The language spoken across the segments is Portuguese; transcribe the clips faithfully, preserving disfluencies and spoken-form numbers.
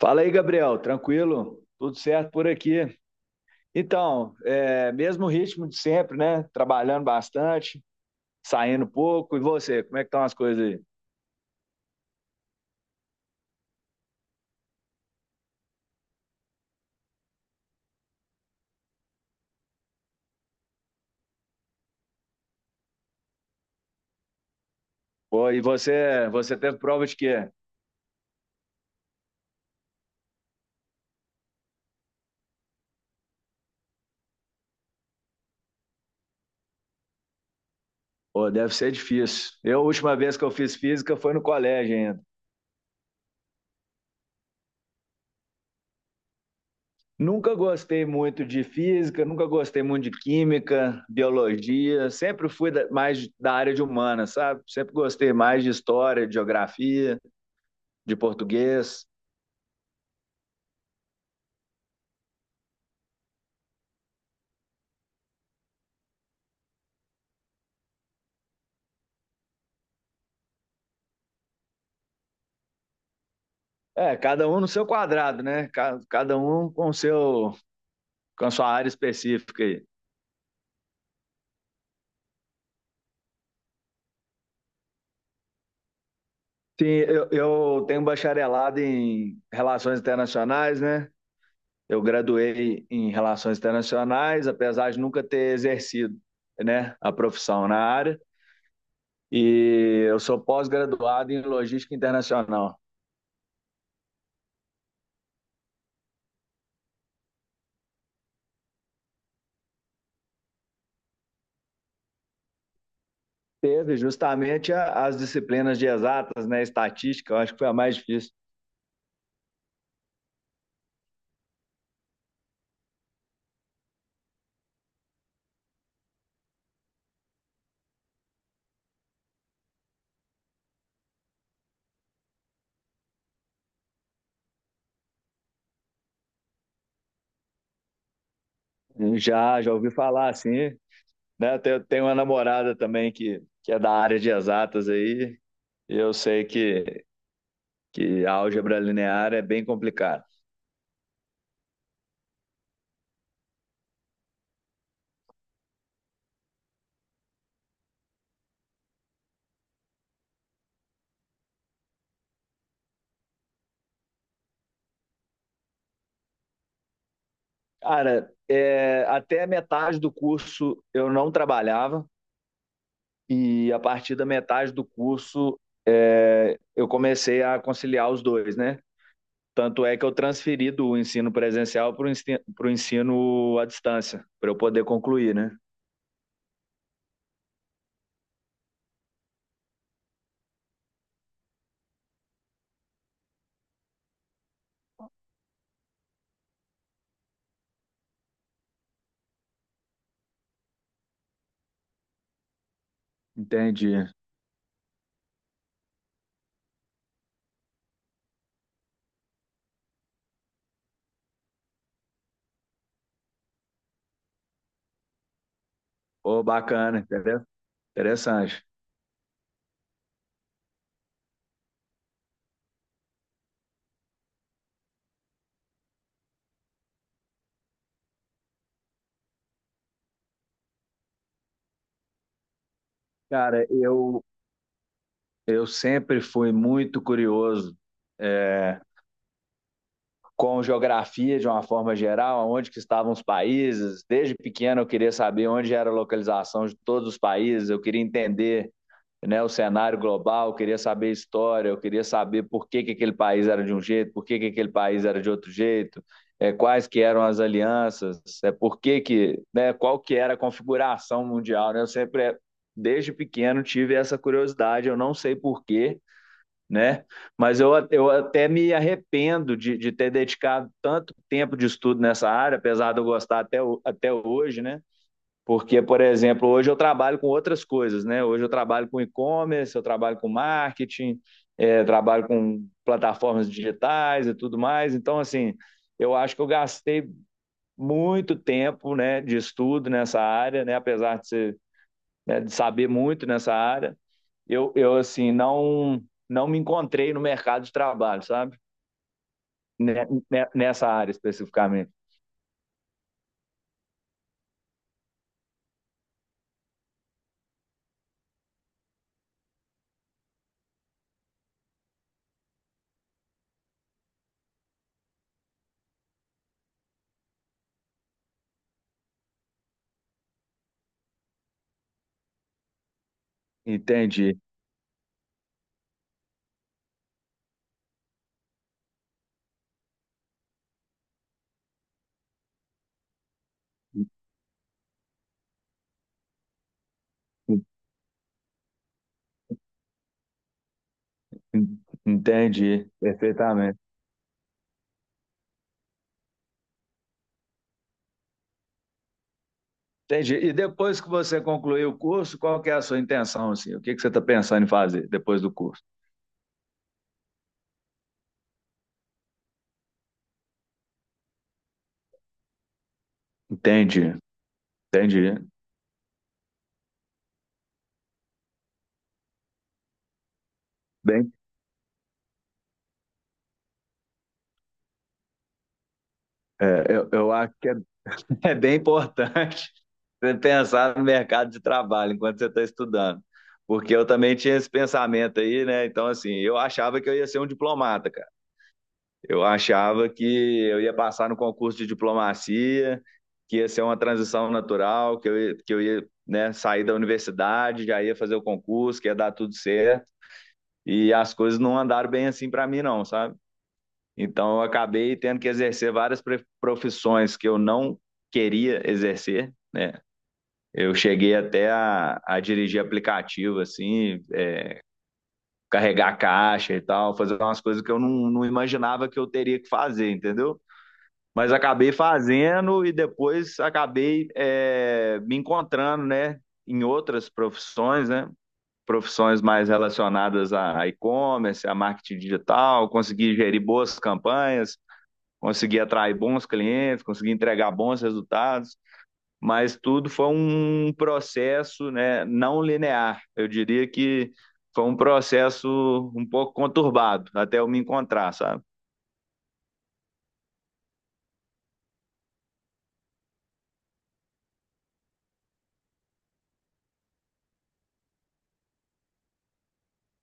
Fala aí, Gabriel, tranquilo? Tudo certo por aqui. Então, é, mesmo ritmo de sempre, né? Trabalhando bastante, saindo pouco. E você, como é que estão as coisas aí? Pô, e você, você teve prova de quê? Pô, deve ser difícil. Eu, a última vez que eu fiz física foi no colégio ainda. Nunca gostei muito de física, nunca gostei muito de química, biologia. Sempre fui da- mais da área de humanas, sabe? Sempre gostei mais de história, de geografia, de português. É, cada um no seu quadrado, né? Ca- Cada um com o seu, com a sua área específica aí. Sim, eu, eu tenho bacharelado em Relações Internacionais, né? Eu graduei em Relações Internacionais, apesar de nunca ter exercido, né, a profissão na área. E eu sou pós-graduado em Logística Internacional. Teve justamente a- as disciplinas de exatas, né? Estatística, eu acho que foi a mais difícil. Já, já ouvi falar, assim, né? Tenho, tenho uma namorada também que, que é da área de exatas aí, e eu sei que, que álgebra linear é bem complicado. Cara, é, até a metade do curso eu não trabalhava, e a partir da metade do curso é, eu comecei a conciliar os dois, né? Tanto é que eu transferi do ensino presencial para o ensino, pro ensino à distância, para eu poder concluir, né? Entendi. Pô, bacana, entendeu? Interessante. Cara, eu Eu sempre fui muito curioso é, com geografia de uma forma geral, onde que estavam os países. Desde pequeno eu queria saber onde era a localização de todos os países, eu queria entender né, o cenário global, eu queria saber a história, eu queria saber por que, que aquele país era de um jeito, por que, que aquele país era de outro jeito, é, quais que eram as alianças, é, por que que, né, qual que era a configuração mundial. Né? Eu sempre, desde pequeno, tive essa curiosidade, eu não sei por quê, né? Mas eu, eu até me arrependo de, de ter dedicado tanto tempo de estudo nessa área, apesar de eu gostar até, até hoje, né? Porque, por exemplo, hoje eu trabalho com outras coisas, né? Hoje eu trabalho com e-commerce, eu trabalho com marketing, eh, trabalho com plataformas digitais e tudo mais. Então, assim, eu acho que eu gastei muito tempo, né, de estudo nessa área, né? Apesar de ser, né, de saber muito nessa área eu, eu assim, não, não me encontrei no mercado de trabalho, sabe? Né, né, nessa área especificamente. Entendi. Entendi, perfeitamente. Entendi. E depois que você concluir o curso, qual que é a sua intenção, assim? O que que você está pensando em fazer depois do curso? Entendi, entendi. Bem, é, eu, eu acho que é é bem importante você pensar no mercado de trabalho enquanto você está estudando. Porque eu também tinha esse pensamento aí, né? Então, assim, eu achava que eu ia ser um diplomata, cara. Eu achava que eu ia passar no concurso de diplomacia, que ia ser uma transição natural, que eu ia, que eu ia, né, sair da universidade, já ia fazer o concurso, que ia dar tudo certo. E as coisas não andaram bem assim para mim, não, sabe? Então, eu acabei tendo que exercer várias pre- profissões que eu não queria exercer, né? Eu cheguei até a, a dirigir aplicativo, assim, é, carregar a caixa e tal, fazer umas coisas que eu não, não imaginava que eu teria que fazer, entendeu? Mas acabei fazendo e depois acabei é, me encontrando, né, em outras profissões, né? Profissões mais relacionadas a e-commerce, a marketing digital, consegui gerir boas campanhas, consegui atrair bons clientes, consegui entregar bons resultados, mas tudo foi um processo, né, não linear. Eu diria que foi um processo um pouco conturbado até eu me encontrar, sabe?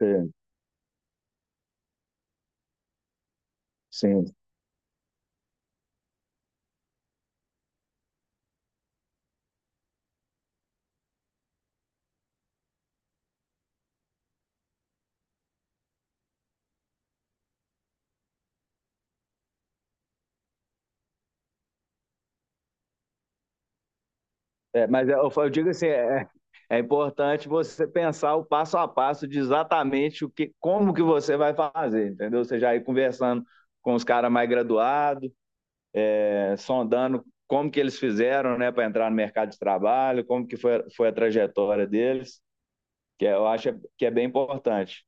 Sim, sim. É, mas eu, eu digo assim, é, é é importante você pensar o passo a passo de exatamente o que, como que você vai fazer, entendeu? Você já ir conversando com os caras mais graduados, é, sondando como que eles fizeram, né, para entrar no mercado de trabalho, como que foi, foi a trajetória deles, que é, eu acho que é bem importante.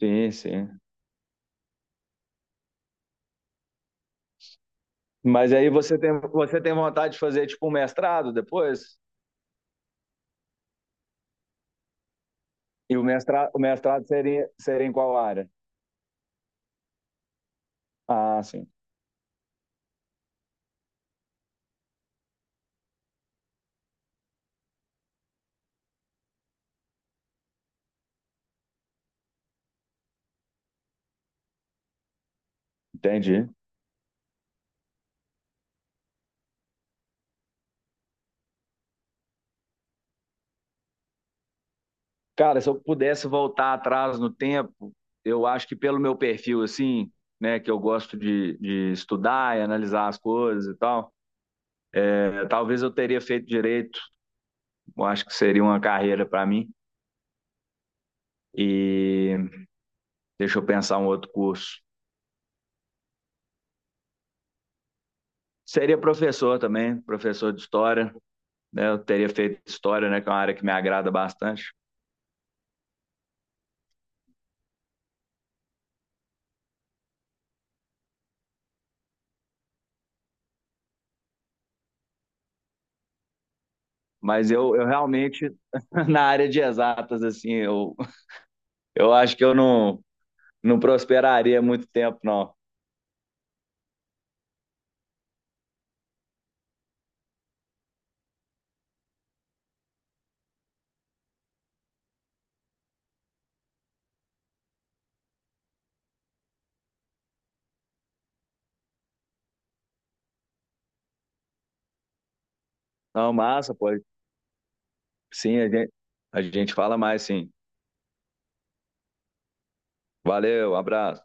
Sim, sim. Mas aí você tem, você tem vontade de fazer tipo um mestrado depois? E o mestrado, o mestrado seria, seria em qual área? Ah, sim. Entendi. Cara, se eu pudesse voltar atrás no tempo, eu acho que pelo meu perfil, assim, né, que eu gosto de, de estudar e analisar as coisas e tal, eh, talvez eu teria feito direito. Eu acho que seria uma carreira para mim. E deixa eu pensar um outro curso. Seria professor também, professor de história, né? Eu teria feito história, né? Que é uma área que me agrada bastante. Mas eu, eu realmente, na área de exatas, assim, eu, eu acho que eu não, não prosperaria muito tempo, não. Não, massa, pô. Sim, a gente, a gente fala mais, sim. Valeu, abraço.